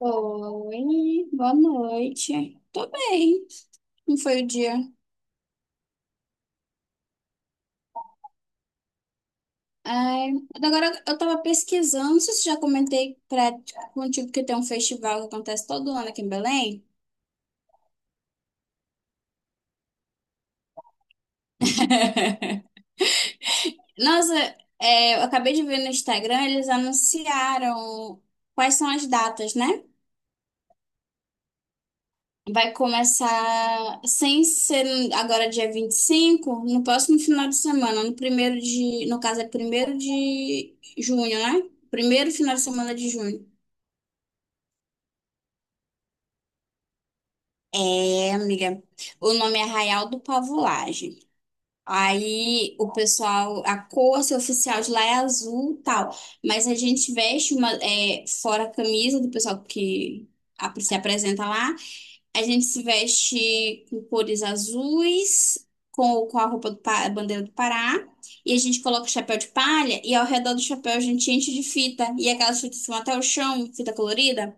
Oi, boa noite. Tô bem. Não foi o dia. Ai, agora eu tava pesquisando, não sei se já comentei contigo que tem um festival que acontece todo ano aqui em Belém. Nossa, eu acabei de ver no Instagram, eles anunciaram quais são as datas, né? Vai começar, sem ser agora dia 25 no próximo final de semana, no caso é 1º de junho, né? Primeiro final de semana de junho. É, amiga. O nome é Arraial do Pavulagem. Aí o pessoal, a cor assim, oficial de lá é azul e tal. Mas a gente veste fora a camisa do pessoal que se apresenta lá. A gente se veste com cores azuis, com a roupa do, a bandeira do Pará. E a gente coloca o chapéu de palha. E ao redor do chapéu a gente enche de fita. E aquelas fitas que vão até o chão, fita colorida.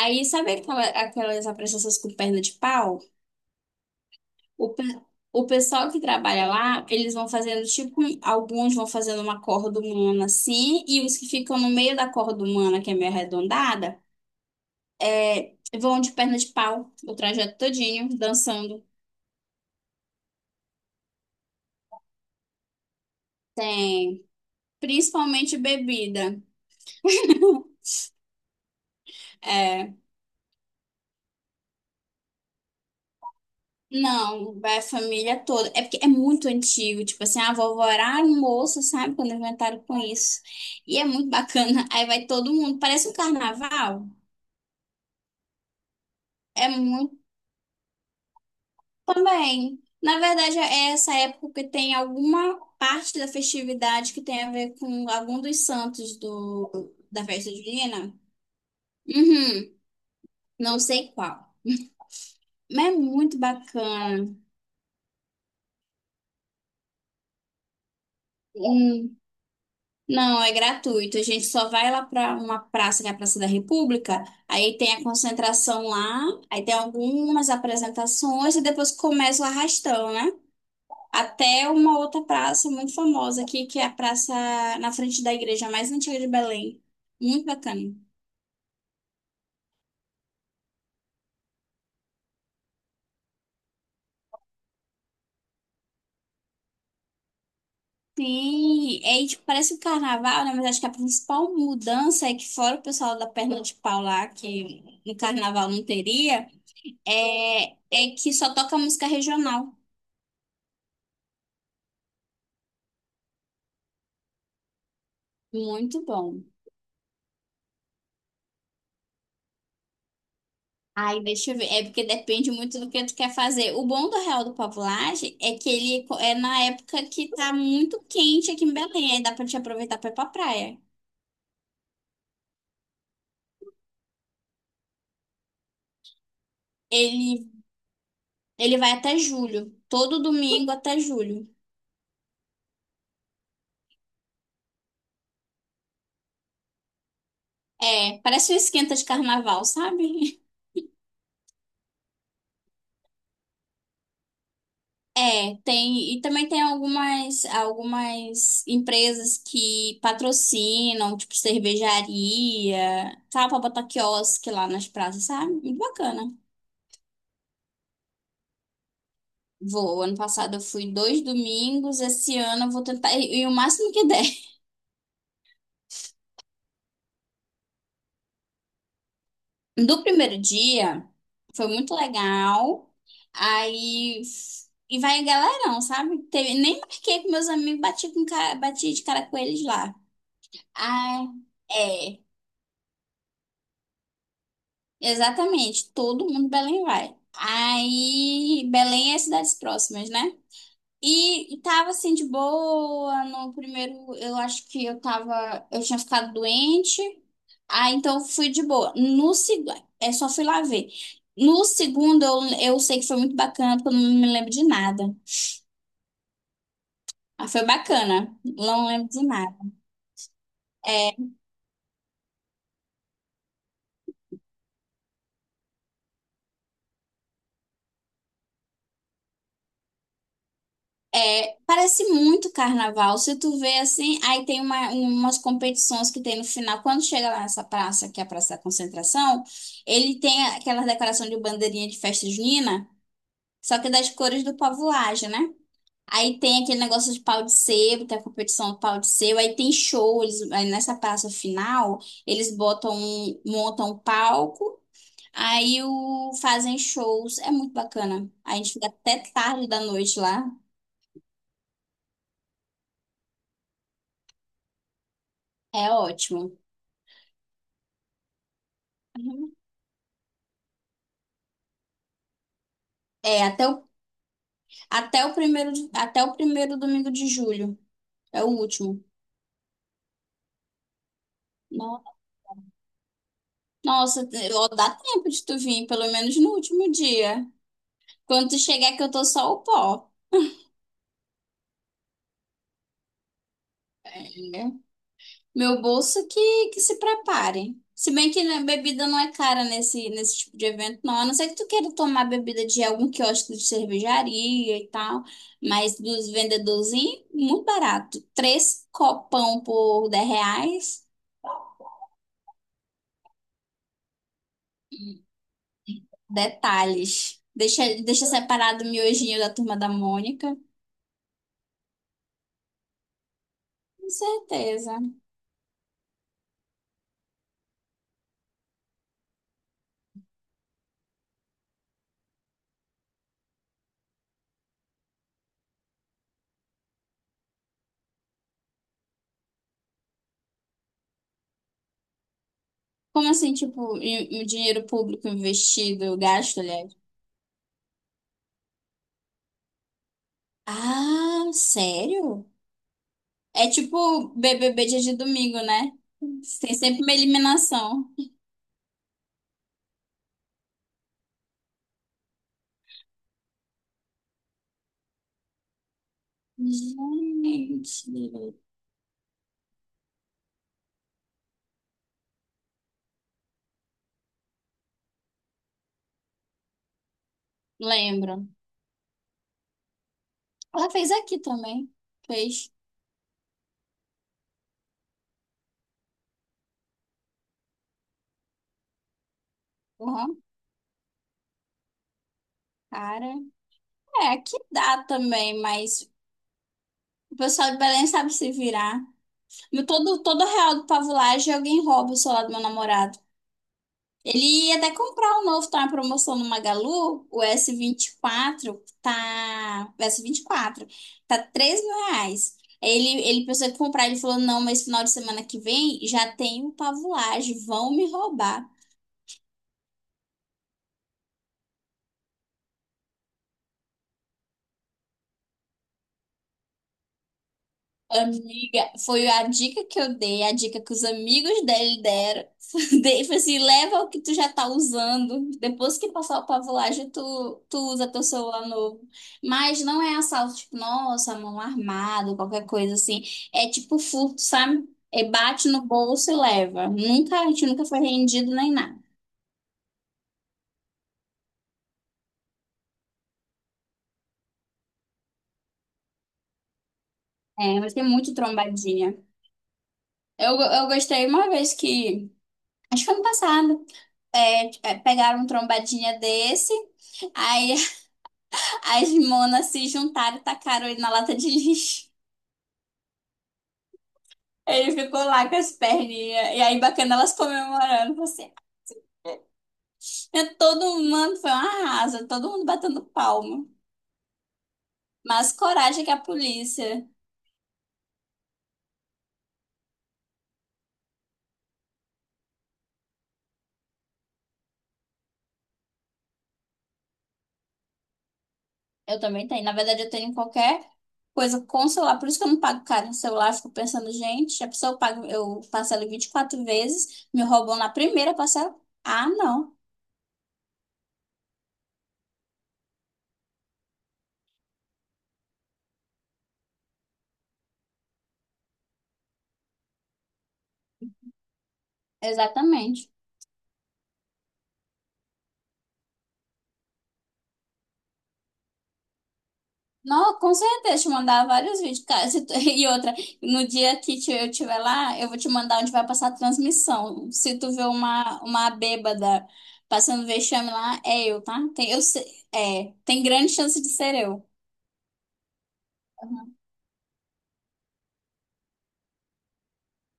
Aí sabe aquelas apresentações com perna de pau? O, pe- o pessoal que trabalha lá, eles vão fazendo tipo, alguns vão fazendo uma corda humana assim, e os que ficam no meio da corda humana, que é meio arredondada, vão de perna de pau, o trajeto todinho, dançando. Tem principalmente bebida. É, não, vai a família toda. É porque é muito antigo, tipo assim, a vovó era um moço, sabe, quando inventaram com isso. E é muito bacana. Aí vai todo mundo, parece um carnaval. É muito também. Na verdade, é essa época que tem alguma parte da festividade que tem a ver com algum dos santos do, da festa junina. Uhum, não sei qual. Mas é muito bacana. Hum, Não, é gratuito. A gente só vai lá para uma praça, que é a Praça da República. Aí tem a concentração lá, aí tem algumas apresentações e depois começa o arrastão, né? Até uma outra praça muito famosa aqui, que é a praça na frente da igreja mais antiga de Belém. Muito bacana. Sim, é, e, tipo, parece um carnaval, né? Mas acho que a principal mudança é que fora o pessoal da perna de pau lá, que no carnaval não teria, é que só toca música regional. Muito bom. Aí, deixa eu ver. É porque depende muito do que tu quer fazer. O bom do Real do Pavulagem é que é na época que tá muito quente aqui em Belém. Aí dá pra te aproveitar pra ir pra praia. Ele, ele vai até julho. Todo domingo até julho. É, parece um esquenta de carnaval, sabe? É, tem. E também tem algumas empresas que patrocinam, tipo cervejaria, tal, pra botar quiosque lá nas praças, sabe? Muito bacana. Vou. Ano passado eu fui 2 domingos, esse ano eu vou tentar ir, ir o máximo que der. Do primeiro dia, foi muito legal. Aí, e vai galerão, sabe? Teve, nem marquei com meus amigos, bati de cara com eles lá. Ai, é, exatamente. Todo mundo de Belém vai. Aí, Belém é cidades próximas, né? E tava assim de boa no primeiro. Eu acho que eu tava. Eu tinha ficado doente. Ah, então fui de boa. No segundo, é só fui lá ver. No segundo, eu sei que foi muito bacana, porque eu não me lembro de nada. Ah, foi bacana, não lembro de nada. É, parece muito carnaval. Se tu vê assim, aí tem umas competições que tem no final. Quando chega lá nessa praça, que é a Praça da Concentração, ele tem aquela decoração de bandeirinha de festa junina, só que das cores do povo Laje, né? Aí tem aquele negócio de pau de sebo, tem a competição do pau de sebo, aí tem show, eles, aí nessa praça final, eles botam, montam um palco, aí o, fazem shows, é muito bacana. A gente fica até tarde da noite lá, é ótimo. Uhum. É, até o, até o primeiro, até o primeiro domingo de julho, é o último. No- Nossa, ó, dá tempo de tu vir, pelo menos no último dia. Quando tu chegar que eu tô só o pó. Meu bolso que se prepare. Se bem que né, bebida não é cara nesse tipo de evento, não. A não ser que tu queira tomar bebida de algum quiosque de cervejaria e tal. Mas dos vendedorzinhos, muito barato. Três copão por R$ 10. Detalhes. Deixa separado o miojinho da turma da Mônica. Com certeza. Como assim, tipo, em dinheiro público investido, gasto, aliás? Ah, sério? É tipo BBB dia de domingo, né? Tem sempre uma eliminação. Gente, lembro. Ela fez aqui também. Fez. Uhum. Cara. É, aqui dá também, mas o pessoal de Belém sabe se virar. Todo, todo real do Pavulagem alguém rouba o celular do meu namorado. Ele ia até comprar um novo, tá na promoção no Magalu, o S24, tá... O S24, tá R$ 3.000. Aí ele pensou em comprar, ele falou, não, mas final de semana que vem já tem o pavulagem, vão me roubar. Amiga, foi a dica que eu dei, a dica que os amigos dele deram. Dei, falei assim, leva o que tu já tá usando. Depois que passar a pavulagem, tu usa teu celular novo. Mas não é assalto, tipo, nossa, mão armada, qualquer coisa assim. É tipo furto, sabe? É bate no bolso e leva. Nunca, a gente nunca foi rendido nem nada. É, mas tem muito trombadinha. Eu gostei uma vez que. Acho que foi ano passado. Pegaram um trombadinha desse. Aí as monas se juntaram e tacaram ele na lata de lixo. Ele ficou lá com as perninhas. E aí, bacana, elas comemorando. Você. É, todo mundo foi um arraso, todo mundo batendo palma. Mas coragem que a polícia. Eu também tenho. Na verdade, eu tenho qualquer coisa com celular. Por isso que eu não pago caro no celular. Eu fico pensando, gente, a pessoa paga, eu parcelo em 24 vezes, me roubam na primeira parcela. Ah, não. Exatamente. Não, com certeza, te mandar vários vídeos, cara. Se tu- E outra, no dia que eu estiver lá, eu vou te mandar onde vai passar a transmissão. Se tu vê uma bêbada passando vexame lá, é eu, tá? Tem, eu, se- é, tem grande chance de ser eu.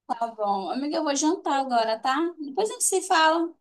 Tá bom. Amiga, eu vou jantar agora, tá? Depois a gente se fala.